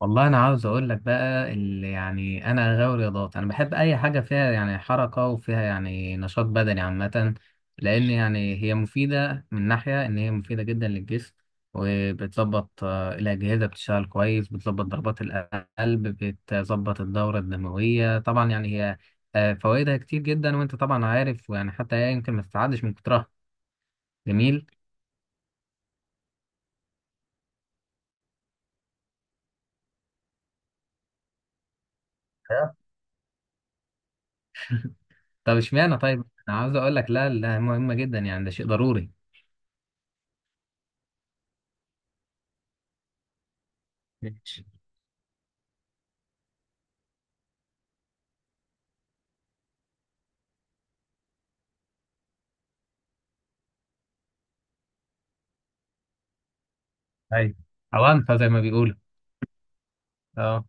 والله انا عاوز اقول لك بقى اللي يعني انا غاوي رياضات. انا بحب اي حاجه فيها يعني حركه وفيها يعني نشاط بدني عامه. لان يعني هي مفيده من ناحيه ان هي مفيده جدا للجسم. وبتظبط الاجهزه بتشتغل كويس، بتظبط ضربات القلب، بتظبط الدوره الدمويه طبعا. يعني هي فوائدها كتير جدا، وانت طبعا عارف، ويعني حتى هي يمكن ما تتعدش من كترها. جميل. طب اشمعنى؟ طيب، انا عاوز اقول لك لا لا، مهمه جدا، يعني ده شيء ضروري. ايوه، أوانطة زي ما بيقولوا. اه.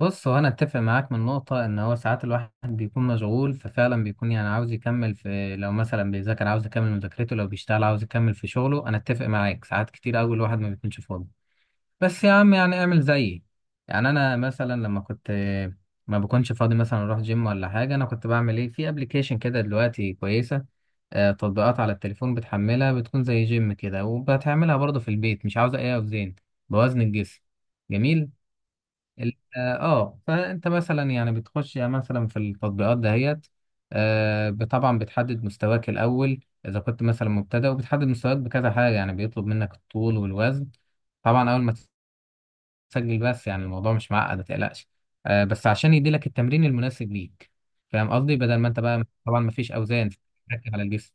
بص، هو انا اتفق معاك من نقطة ان هو ساعات الواحد بيكون مشغول، ففعلا بيكون يعني عاوز يكمل في، لو مثلا بيذاكر عاوز يكمل مذاكرته، لو بيشتغل عاوز يكمل في شغله. انا اتفق معاك ساعات كتير قوي الواحد ما بيكونش فاضي. بس يا عم يعني اعمل زيي. يعني انا مثلا لما كنت ما بكونش فاضي مثلا اروح جيم ولا حاجة، انا كنت بعمل ايه؟ في ابلكيشن كده دلوقتي كويسة. تطبيقات على التليفون، بتحملها بتكون زي جيم كده، وبتعملها برضه في البيت، مش عاوزة أي أوزان، بوزن الجسم. جميل. فأنت مثلا يعني بتخش يعني مثلا في التطبيقات دهيت. طبعا بتحدد مستواك الأول، إذا كنت مثلا مبتدئ، وبتحدد مستواك بكذا حاجة، يعني بيطلب منك الطول والوزن طبعا أول ما تسجل. بس يعني الموضوع مش معقد، ما تقلقش. بس عشان يديلك التمرين المناسب ليك. فاهم قصدي؟ بدل ما أنت بقى طبعا مفيش أوزان، تركز على الجسم.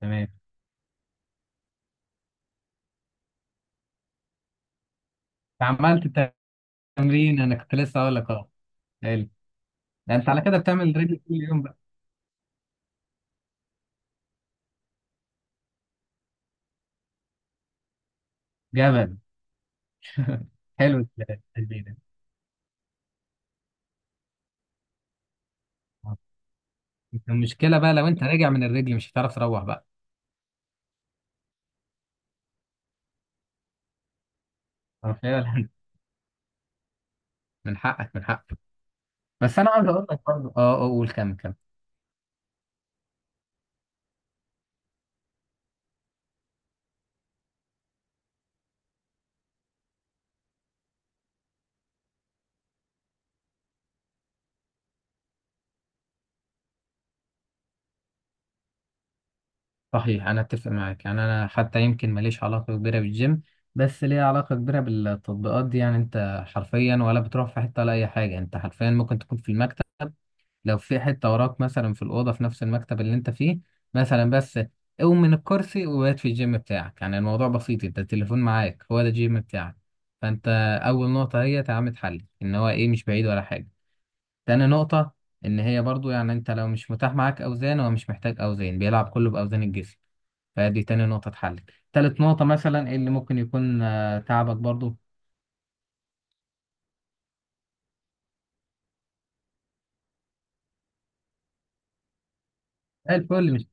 تمام. عملت تمرين، انا كنت لسه اقول لك. اه، حلو. ده انت على كده بتعمل رجل كل يوم بقى؟ جبل. حلو التشبيه ده. آه. المشكله بقى لو انت راجع من الرجل مش هتعرف تروح بقى. فعلا. من حقك، من حقك. بس انا عاوز اقول لك برضه، قول كم كم. صحيح، انا اتفق معاك يعني. انا حتى يمكن ماليش علاقه كبيره بالجيم، بس ليا علاقه كبيره بالتطبيقات دي. يعني انت حرفيا ولا بتروح في حته ولا اي حاجه، انت حرفيا ممكن تكون في المكتب. لو في حتة وراك مثلا، في الأوضة في نفس المكتب اللي أنت فيه مثلا، بس قوم من الكرسي وبات في الجيم بتاعك. يعني الموضوع بسيط، أنت التليفون معاك، هو ده الجيم بتاعك. فأنت أول نقطة هي تعمل اتحلل إن هو إيه مش بعيد ولا حاجة. تاني نقطة إن هي برضو يعني أنت لو مش متاح معاك أوزان، هو مش محتاج أوزان، بيلعب كله بأوزان الجسم. فدي تاني نقطة اتحلل. تالت نقطة مثلا إيه اللي ممكن يكون تعبك برضو. الفل مش.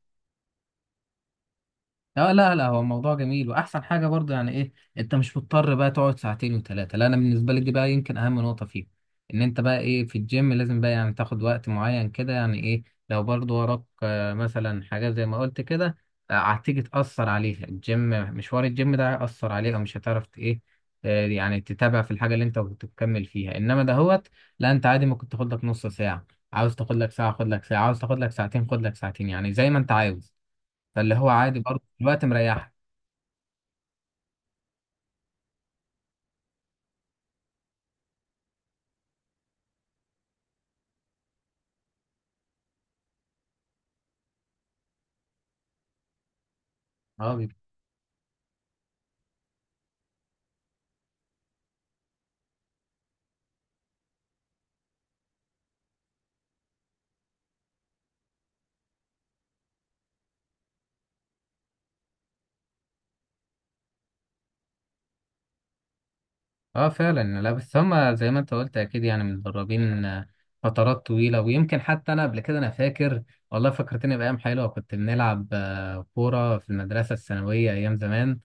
اه، لا لا، هو الموضوع جميل، واحسن حاجه برضه يعني ايه، انت مش مضطر بقى تقعد ساعتين وثلاثه. لا، انا بالنسبه لي دي بقى يمكن اهم نقطه فيه. ان انت بقى ايه في الجيم لازم بقى يعني تاخد وقت معين كده يعني ايه. لو برضه وراك مثلا حاجات زي ما قلت كده، هتيجي تاثر عليها الجيم. مشوار الجيم ده هيأثر عليها، مش هتعرف ايه، يعني تتابع في الحاجه اللي انت كنت بتكمل فيها انما دهوت. لا، انت عادي ممكن تاخد لك نص ساعه، عاوز تاخد لك ساعه خد لك ساعه، عاوز تاخد لك ساعتين خد لك ساعتين، يعني زي ما انت عاوز. فاللي هو عادي برضه الوقت مريحك. اه بيبقى- اه، فعلا. لا بس هما زي ما انت قلت اكيد، يعني متدربين فترات طويله. ويمكن حتى انا قبل كده انا فاكر، والله فكرتني بايام حلوه. كنت بنلعب كوره في المدرسه الثانويه، ايام زمان.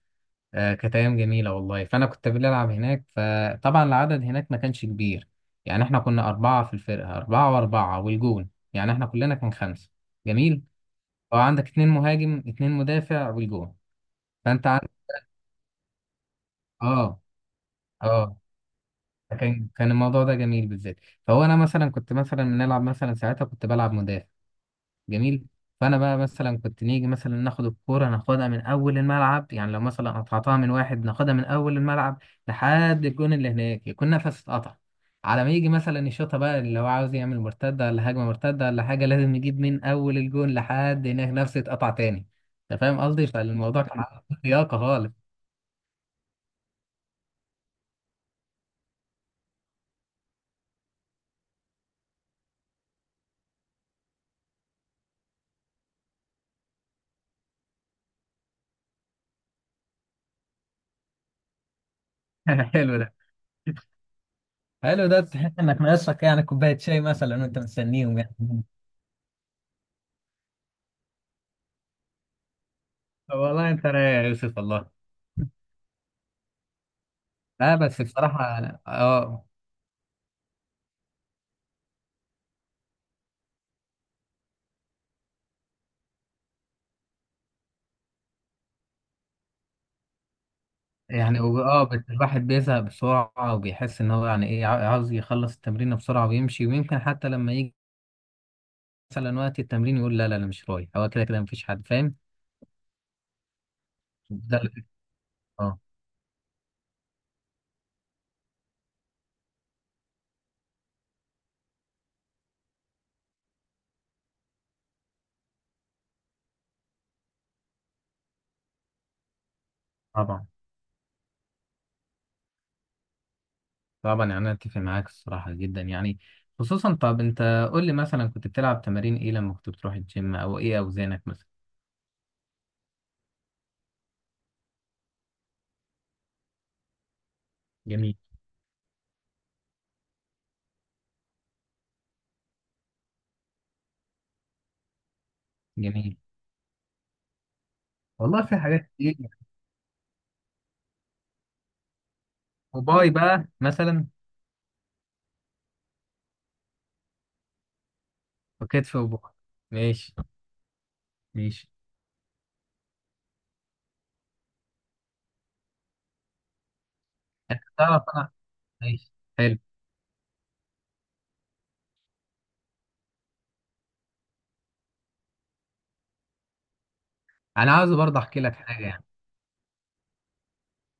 كانت ايام جميله والله. فانا كنت بنلعب هناك، فطبعا العدد هناك ما كانش كبير، يعني احنا كنا اربعه في الفرقه، اربعه واربعه والجون، يعني احنا كلنا كان خمسه. جميل. اه، عندك اتنين مهاجم، اتنين مدافع، والجون. فانت عندك. اه. اه، كان الموضوع ده جميل بالذات. فهو انا مثلا كنت مثلا بنلعب مثلا ساعتها كنت بلعب مدافع. جميل. فانا بقى مثلا كنت نيجي مثلا ناخد الكوره، ناخدها من اول الملعب، يعني لو مثلا قطعتها من واحد، ناخدها من اول الملعب لحد الجون اللي هناك، يكون نفس اتقطع. على ما يجي مثلا يشوطها بقى اللي هو عاوز يعمل مرتده ولا هجمه مرتده ولا حاجه، لازم يجيب من اول الجون لحد هناك، نفس اتقطع تاني. انت فاهم قصدي؟ فالموضوع كان عنده لياقه خالص. حلو ده. حلو ده. تحس انك ناقصك يعني كوبايه شاي مثلا وانت مستنيهم يعني. والله انت رايق يا يوسف والله. لا، بس بصراحة يعني بس الواحد بيزهق بسرعة، وبيحس ان هو يعني ايه عاوز يخلص التمرين بسرعة ويمشي. ويمكن حتى لما يجي مثلا وقت التمرين يقول لا لا انا مش رايح، هو كده كده مفيش حد فاهم. ده اللي- اه طبعا طبعا. يعني انا اتفق معاك الصراحة جدا يعني. خصوصا، طب انت قول لي مثلا كنت بتلعب تمارين ايه لما كنت بتروح الجيم، او ايه اوزانك مثلا؟ جميل جميل. والله في حاجات كتير. وباي بقى مثلا. وكتف وباي، ماشي. ماشي. انت تعرف انا. ماشي. حلو. انا عاوز برضه احكي لك حاجه يعني.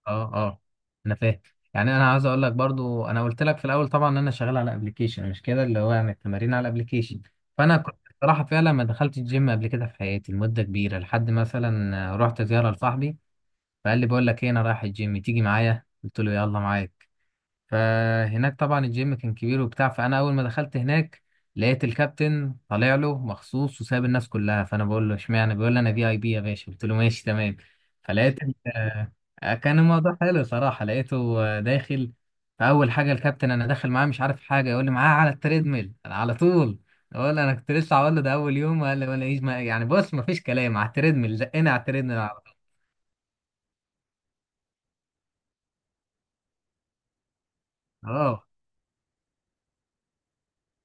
اه، اه، انا فاهم. يعني انا عاوز اقول لك برضه، انا قلت لك في الاول طبعا ان انا شغال على ابلكيشن مش كده، اللي هو يعني التمارين على ابلكيشن. فانا كنت بصراحه فعلا ما دخلت الجيم قبل كده في حياتي لمده كبيره، لحد مثلا رحت زياره لصاحبي. فقال لي بقول لك ايه، انا رايح الجيم تيجي معايا، قلت له يلا معايا. فهناك طبعا الجيم كان كبير وبتاع، فانا اول ما دخلت هناك لقيت الكابتن طالع له مخصوص وساب الناس كلها. فانا بقول له اشمعنى؟ بيقول لي انا في اي بي يا باشا، قلت له ماشي تمام. فلقيت ال- آه، كان الموضوع حلو صراحه، لقيته داخل. فاول حاجه الكابتن انا داخل معاه مش عارف حاجه، يقول لي معاه على التريدميل انا على طول. اقول له انا كنت لسه هقول له ده اول يوم، قال لي ولا ايش ما يعني، بص ما فيش كلام، على التريدميل زقنا على التريدميل على- طول. اه.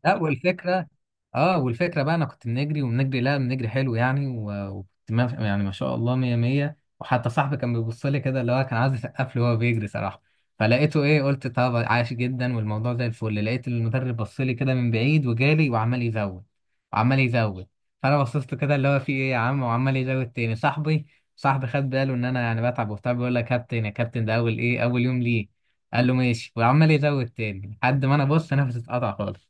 لا، والفكره، اه والفكره بقى انا كنت بنجري وبنجري لا بنجري حلو يعني، وكنت ما يعني ما شاء الله مية مية. وحتى صاحبي كان بيبص لي كده اللي هو كان عايز يسقف لي وهو بيجري صراحه. فلقيته ايه قلت طب عاش جدا، والموضوع زي الفل. لقيت المدرب بص لي كده من بعيد وجالي، وعمال يزود وعمال يزود. فانا بصيت له كده اللي هو في ايه يا عم، وعمال يزود تاني. صاحبي خد باله ان انا يعني بتعب وبتاع، بيقول لك كابتن يا كابتن ده اول ايه اول يوم ليه، قال له ماشي وعمال يزود تاني لحد ما انا بص نفسي اتقطع خالص.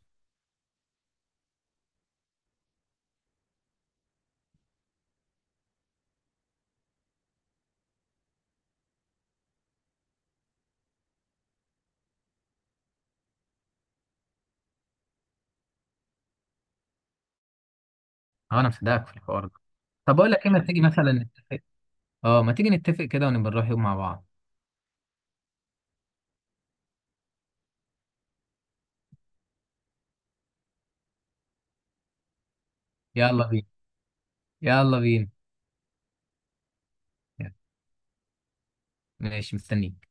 هو انا مصدقك في الحوار ده. طب اقول لك ايه، ما تيجي مثلا نتفق؟ اه، ما تيجي نتفق كده ونبقى نروح يوم مع بعض. يلا بينا، يلا بينا. ماشي مستنيك.